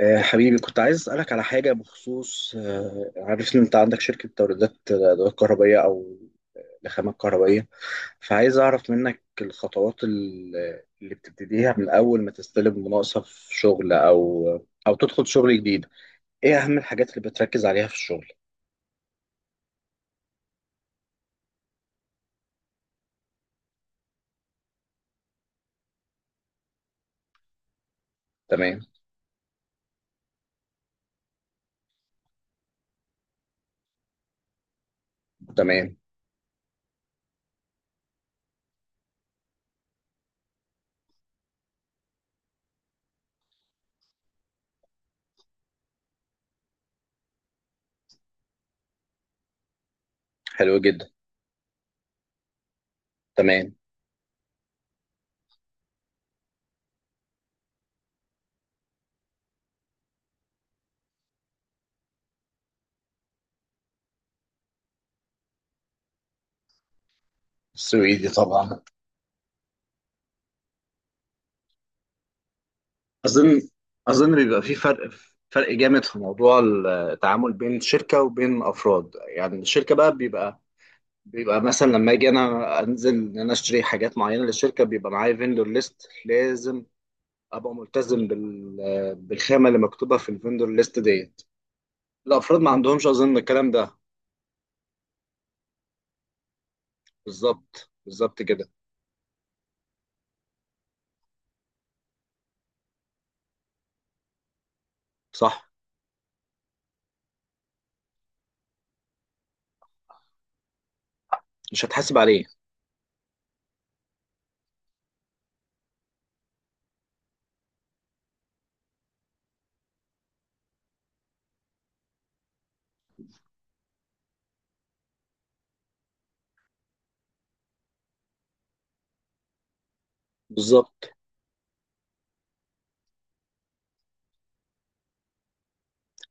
حبيبي، كنت عايز أسألك على حاجة بخصوص، عارف إن أنت عندك شركة توريدات، أدوات كهربائية أو لخامات كهربائية. فعايز أعرف منك الخطوات اللي بتبتديها من أول ما تستلم مناقصة في شغل أو تدخل شغل جديد. إيه أهم الحاجات اللي بتركز عليها في الشغل؟ تمام. تمام. حلو جدا. تمام. السويدي طبعا. أظن أظن بيبقى في فرق. فرق جامد في موضوع التعامل بين شركة وبين أفراد. يعني الشركة بقى بيبقى، مثلا لما اجي انا انزل ان انا اشتري حاجات معينه للشركه، بيبقى معايا فيندور ليست لازم ابقى ملتزم بالخامه اللي مكتوبه في الفيندور ليست ديت. الافراد ما عندهمش اظن الكلام ده. بالظبط. بالظبط كده. صح. مش هتحاسب عليه. بالظبط.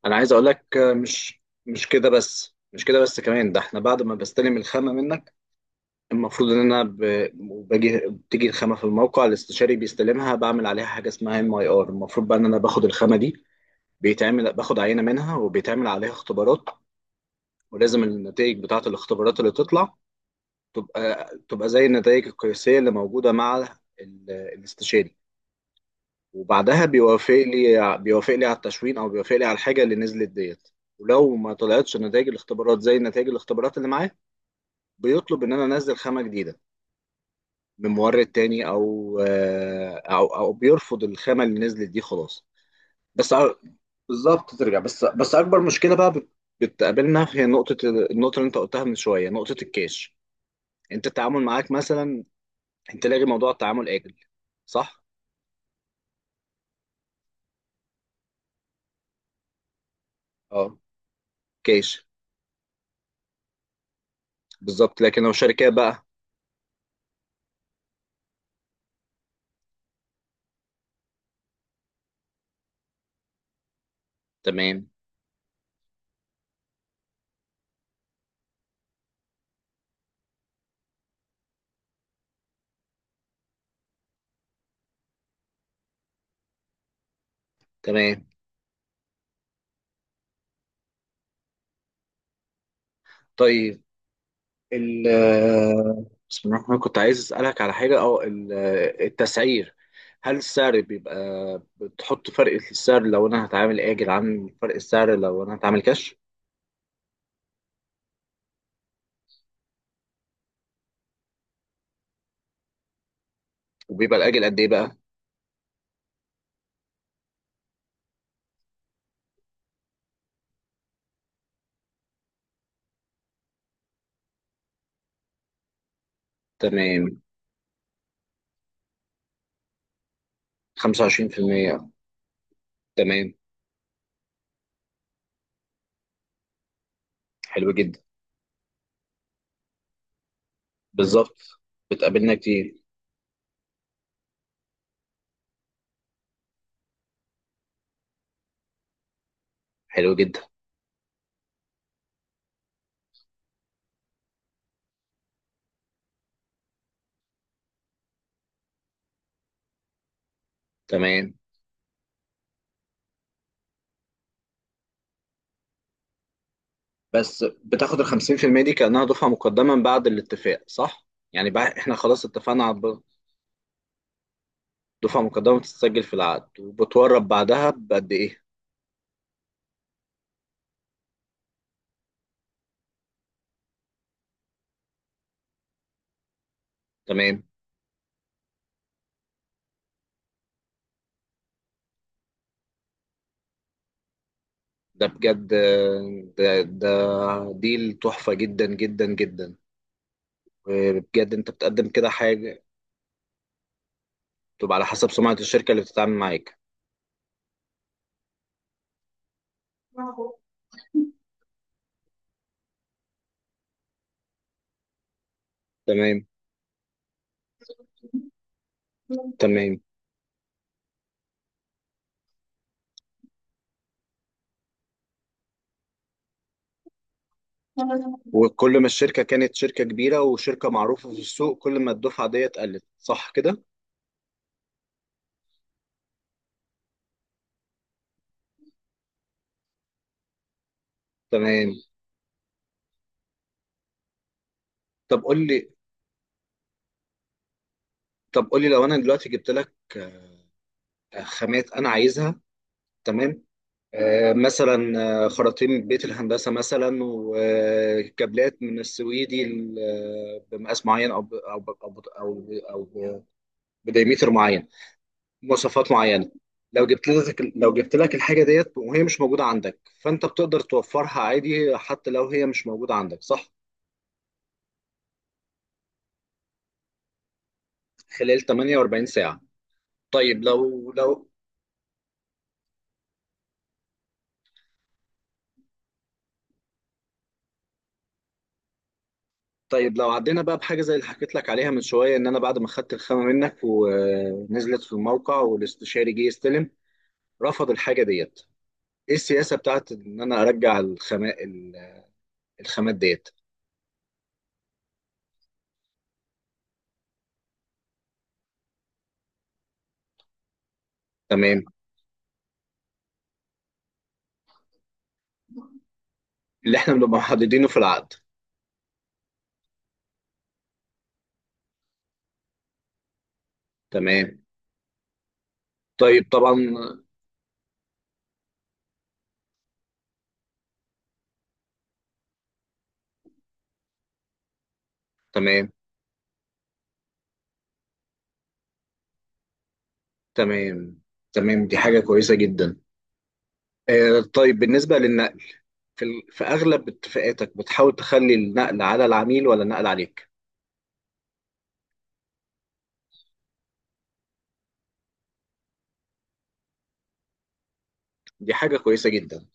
انا عايز اقول لك، مش كده بس، مش كده بس كمان، ده احنا بعد ما بستلم الخامه منك المفروض ان انا ب... باجي بتيجي الخامه في الموقع، الاستشاري بيستلمها، بعمل عليها حاجه اسمها MIR. المفروض بقى ان انا باخد الخامه دي، بيتعمل باخد عينة منها وبيتعمل عليها اختبارات، ولازم النتائج بتاعة الاختبارات اللي تطلع تبقى زي النتائج القياسية اللي موجودة مع الاستشاري. وبعدها بيوافق لي على التشوين او بيوافق لي على الحاجة اللي نزلت ديت. ولو ما طلعتش نتائج الاختبارات زي نتائج الاختبارات اللي معاه، بيطلب ان انا انزل خامة جديدة من مورد تاني، او او بيرفض الخامة اللي نزلت دي خلاص. بس بالظبط ترجع، بس اكبر مشكله بقى بتقابلنا، هي نقطه النقطه اللي انت قلتها من شويه، نقطه الكاش. انت التعامل معاك مثلا انت لاغي موضوع التعامل اجل، صح. اه. كاش. بالظبط لكن لو شركات بقى. تمام. تمام. طيب. ال بسم الله الرحمن الرحيم. كنت عايز اسالك على حاجه، التسعير. هل السعر بتحط فرق في السعر لو انا هتعامل اجل عن فرق السعر لو انا هتعامل كاش؟ وبيبقى الاجل قد ايه بقى؟ تمام. 25%. تمام. حلو جدا. بالظبط. بتقابلنا كتير. حلو جدا. تمام. بس بتاخد ال 50% دي كأنها دفعة مقدمة من بعد الاتفاق، صح؟ يعني بقى احنا خلاص اتفقنا على دفعة مقدمة بتتسجل في العقد، وبتورب بعدها بقد ايه؟ تمام. ده بجد، ده ديل تحفة جدا جدا جدا. وبجد انت بتقدم كده حاجة. تبقى على حسب سمعة الشركة اللي بتتعامل معاك. تمام. تمام. وكل ما الشركة كانت شركة كبيرة وشركة معروفة في السوق، كل ما الدفعة ديت قلت، صح كده؟ تمام. طب قول لي. لو أنا دلوقتي جبت لك، خامات أنا عايزها. تمام. آه مثلا، خراطيم من بيت الهندسة مثلا وكابلات من السويدي، بمقاس معين، بدايمتر معين، مواصفات معينه. لو جبت لك الحاجه ديت وهي مش موجوده عندك، فانت بتقدر توفرها عادي حتى لو هي مش موجوده عندك، صح؟ خلال 48 ساعه. طيب لو لو طيب لو عدينا بقى بحاجه زي اللي حكيت لك عليها من شويه، ان انا بعد ما خدت الخامه منك ونزلت في الموقع والاستشاري جه يستلم، رفض الحاجه ديت، ايه السياسه بتاعت ان انا ارجع الخامات، ديت؟ تمام. اللي احنا بنبقى محددينه في العقد. تمام. طيب. طبعا. تمام. تمام. تمام، دي حاجة كويسة جدا. طيب بالنسبة للنقل، في في أغلب اتفاقاتك بتحاول تخلي النقل على العميل ولا النقل عليك؟ دي حاجة كويسة جدا.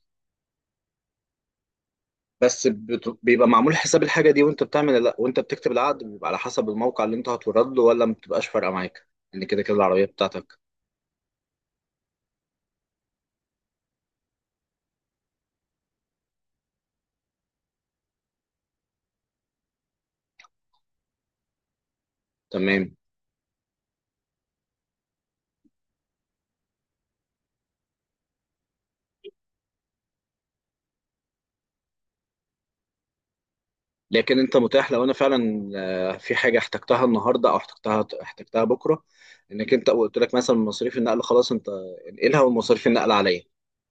بيبقى معمول حساب الحاجة دي وانت بتعمل، لا، وانت بتكتب العقد، بيبقى على حسب الموقع اللي انت هتورد له ولا ما بتبقاش فارقة معاك ان كده كده العربية بتاعتك؟ تمام. لكن انت متاح لو انا فعلا، في حاجه احتجتها النهارده او احتجتها بكره، انك انت قلت لك مثلا مصاريف النقل خلاص، انت انقلها ومصاريف النقل عليا،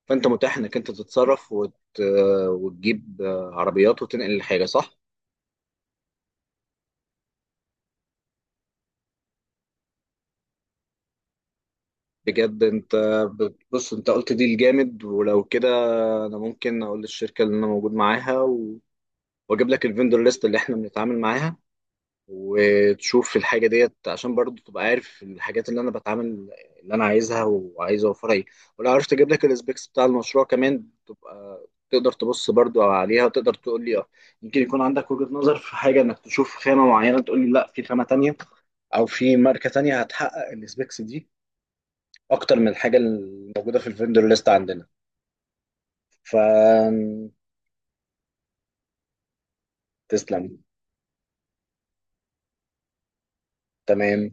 فانت متاح انك انت تتصرف وت... آه، وتجيب، عربيات وتنقل الحاجه، صح؟ بجد انت. بص، انت قلت دي الجامد. ولو كده، انا ممكن اقول للشركه اللي انا موجود معاها، واجيب لك الفندور ليست اللي احنا بنتعامل معاها، وتشوف الحاجة ديت عشان برضو تبقى عارف الحاجات، اللي أنا عايزها وعايز أوفرها إيه. ولو عرفت أجيب لك الاسبيكس بتاع المشروع كمان، تبقى تقدر تبص برضو عليها وتقدر تقول لي، يمكن يكون عندك وجهة نظر في حاجة، إنك تشوف خامة معينة تقول لي لا، في خامة تانية أو في ماركة تانية هتحقق الاسبيكس دي أكتر من الحاجة الموجودة في الفندور ليست عندنا. ف تسلم. تمام،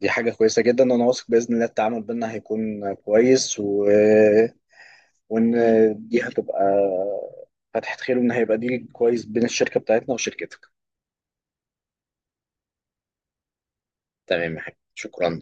دي حاجة كويسة جدا وأنا واثق بإذن الله التعامل بينا هيكون كويس. وان دي هتبقى فتحة خير، وان هيبقى ديل كويس بين الشركة بتاعتنا وشركتك. تمام يا حبيبي، شكرا.